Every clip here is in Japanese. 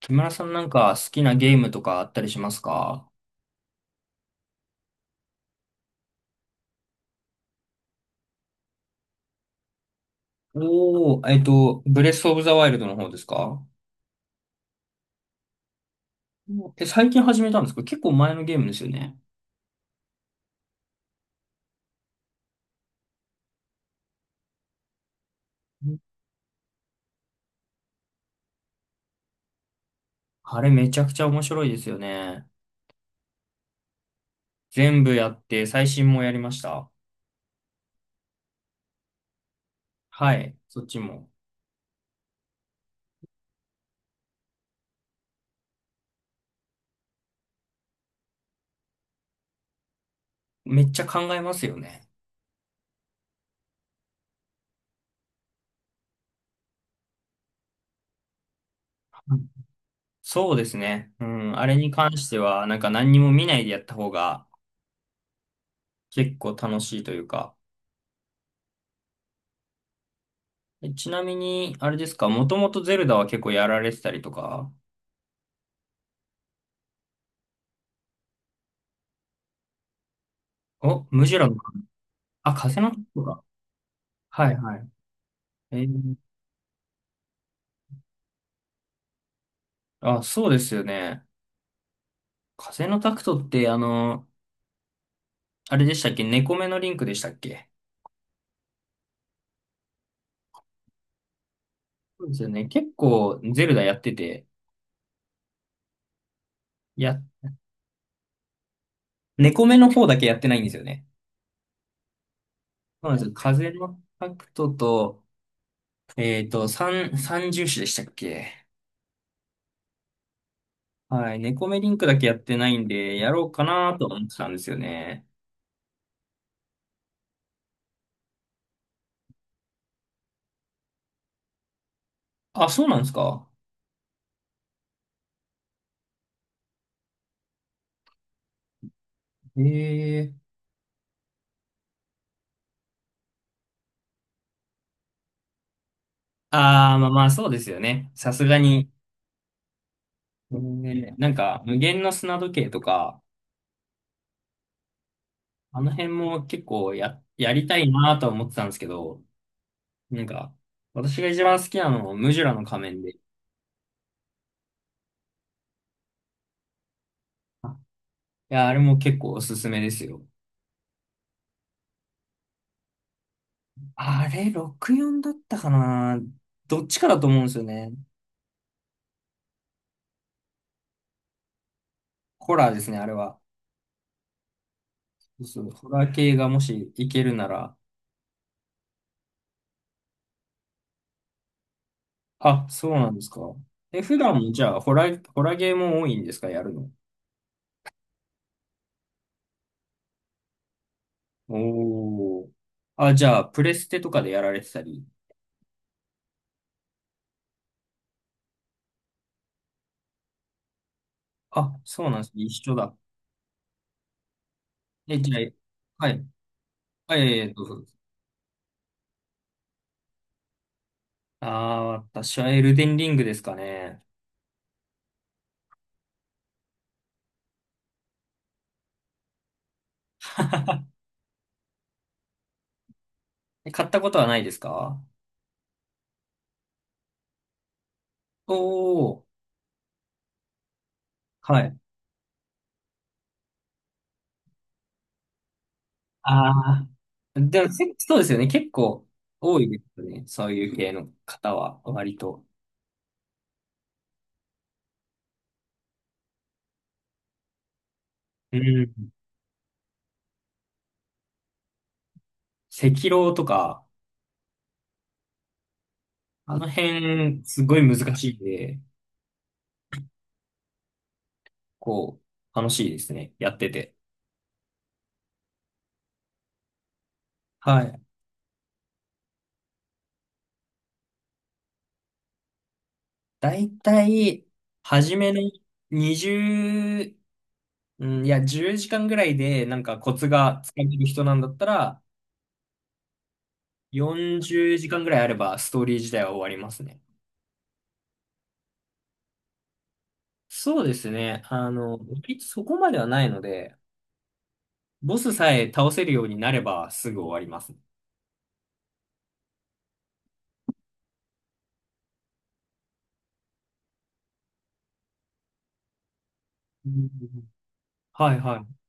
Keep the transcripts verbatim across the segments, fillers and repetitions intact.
木村さん、なんか好きなゲームとかあったりしますか？おー、えっと、ブレスオブザワイルドの方ですか？うん。え、最近始めたんですか？結構前のゲームですよね。うん。あれめちゃくちゃ面白いですよね。全部やって、最新もやりました。はい、そっちも。めっちゃ考えますよね。うん。そうですね。うん、あれに関しては、なんか何にも見ないでやった方が結構楽しいというか。え、ちなみに、あれですか？もともとゼルダは結構やられてたりとか？お、ムジュラの。あ、風のタクトか。はいはい。えー。あ、そうですよね。風のタクトって、あの、あれでしたっけ？猫目のリンクでしたっけ？そうですよね。結構、ゼルダやってて、や、猫目の方だけやってないんですよね。そうなんですよ。風のタクトと、えっと、三、三重視でしたっけ？はい。猫目リンクだけやってないんで、やろうかなと思ってたんですよね。あ、そうなんですか。ええ。ああ、まあまあ、そうですよね。さすがに、ね、なんか、無限の砂時計とか、あの辺も結構や、やりたいなとは思ってたんですけど、なんか、私が一番好きなのはムジュラの仮面で。あ、いや、あれも結構おすすめですよ。あれ、ろくじゅうよんだったかな。どっちかだと思うんですよね。ホラーですね、あれは。そうそう、ホラー系がもしいけるなら。あ、そうなんですか。え、普段もじゃあ、ホラー、ホラーゲーも多いんですか、やるの？おー。あ、じゃあ、プレステとかでやられてたり。あ、そうなんですね。一緒だ。え、じゃあ、はい。はい、えーどうぞ。ああ、私はエルデンリングですかね。え、買ったことはないですか？おー、はい。ああ、でも、せそうですよね。結構多いですよね。そういう系の方は、割と。うん。赤狼とか、あの辺、すごい難しいんで、こう、楽しいですね。やってて。はい。だいたい、初めの、20うん、いや、じゅうじかんぐらいで、なんかコツがつかめる人なんだったら、よんじゅうじかんぐらいあれば、ストーリー自体は終わりますね。そうですね。あの、割とそこまではないので、ボスさえ倒せるようになれば、すぐ終わりますね。うん。はいはい。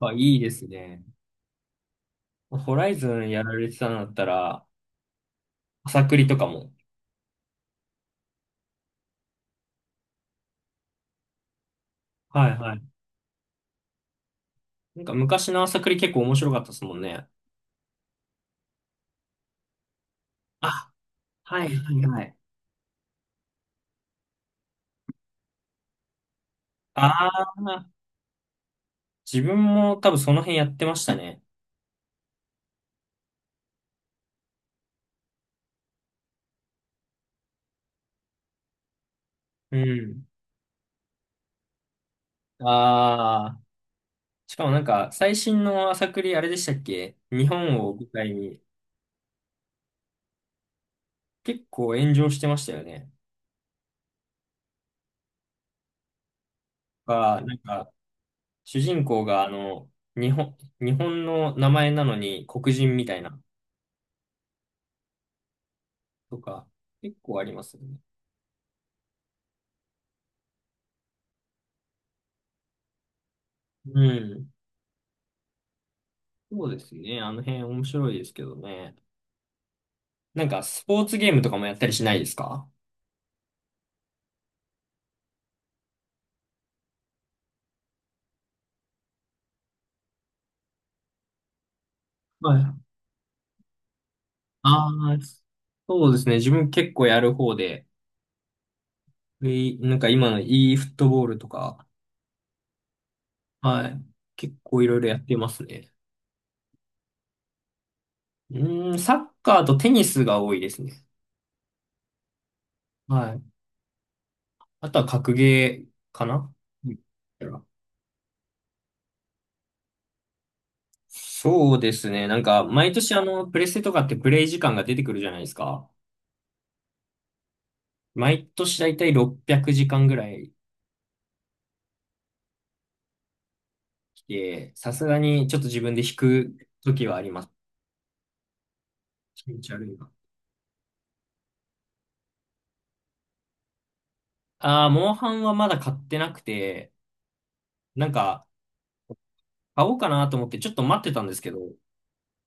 あ、いいですね。ホライズンやられてたんだったら、朝栗とかも。はいはい。なんか昔の朝栗結構面白かったですもんね。あ、はいはいはい。ああ、自分も多分その辺やってましたね。うん。ああ、しかもなんか、最新の朝栗あれでしたっけ？日本を舞台に、結構炎上してましたよね。が、なんか、主人公が、あの、日本、日本の名前なのに黒人みたいな、とか、結構ありますよね。うん。そうですね。あの辺面白いですけどね。なんか、スポーツゲームとかもやったりしないですか？はい。ああ、そうですね。自分結構やる方で、えーなんか今の e フットボールとか、はい。結構いろいろやってますね。うーん、サッカーとテニスが多いですね。はい。あとは格ゲーかな。うん。そうですね。なんか、毎年あの、プレステとかってプレイ時間が出てくるじゃないですか。毎年だいたいろっぴゃくじかんぐらい来て、さすがにちょっと自分で引く時はあります。気持ち悪いな。ああ、モンハンはまだ買ってなくて、なんか、買おうかなと思ってちょっと待ってたんですけど、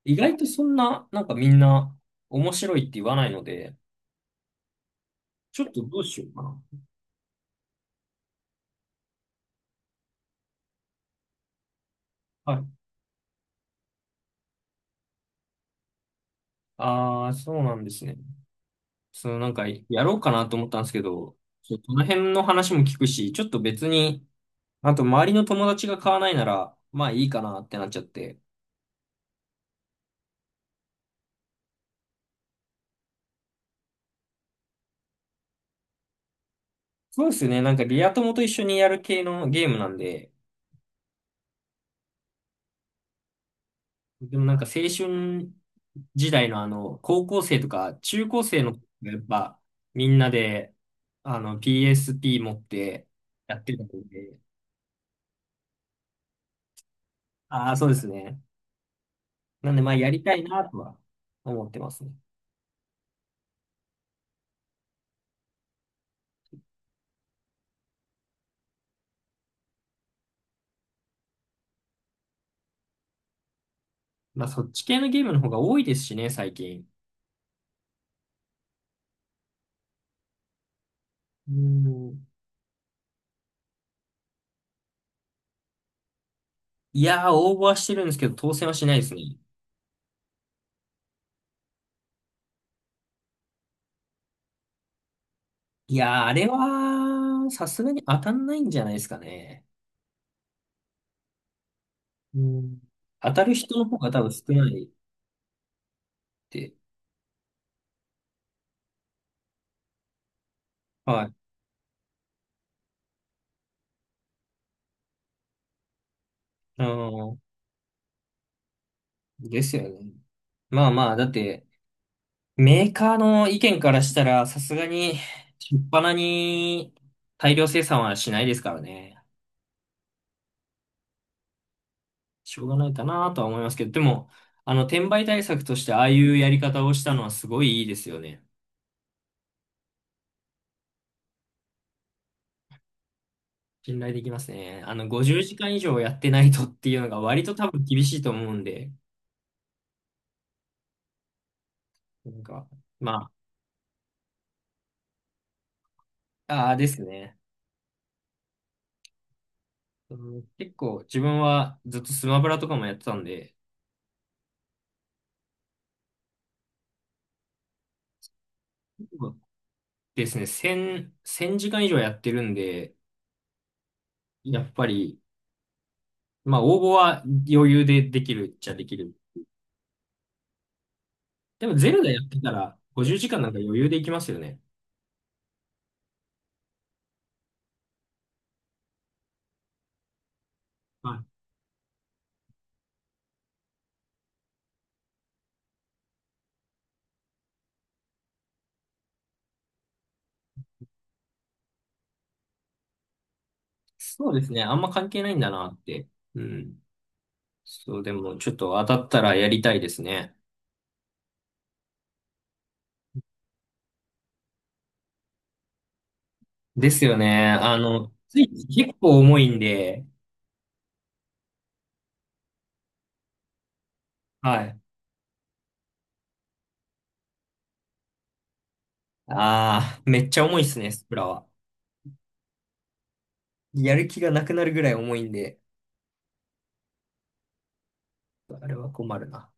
意外とそんな、なんかみんな面白いって言わないので、ちょっとどうしようかな。はい。ああ、そうなんですね。その、なんか、やろうかなと思ったんですけど、ちょっとこの辺の話も聞くし、ちょっと別に、あと周りの友達が買わないなら、まあいいかなってなっちゃって。そうですよね。なんかリア友と一緒にやる系のゲームなんで、でもなんか青春時代の、あの、高校生とか中高生の、やっぱみんなで、あの、ピーエスピー 持ってやってたので、ああ、そうですね。なんで、まあ、やりたいなとは思ってますね。まあ、そっち系のゲームの方が多いですしね、最近。うん。いやー、応募はしてるんですけど、当選はしないですね。いやー、あれは、さすがに当たんないんじゃないですかね。うん。当たる人の方が多分少ないって。はい。うん。ですよね。まあまあ、だって、メーカーの意見からしたら、さすがに、しょっぱなに大量生産はしないですからね。しょうがないかなとは思いますけど、でも、あの、転売対策としてああいうやり方をしたのはすごいいいですよね。信頼できますね。あの、ごじゅうじかん以上やってないとっていうのが割と多分厳しいと思うんで、なんか、まあ、ああですね。うん。結構自分はずっとスマブラとかもやってたんで、ですね、いち ぜろ せんじかん以上やってるんで、やっぱり、まあ、応募は余裕でできるっちゃできる。でも、ゼルダやってたら、ごじゅうじかんなんか余裕でいきますよね。はい。そうですね。あんま関係ないんだなって。うん。そう、でも、ちょっと当たったらやりたいですね。ですよね。あの、つい結構重いんで、はい。ああ、めっちゃ重いっすね、スプラは。やる気がなくなるぐらい重いんで、あれは困るな。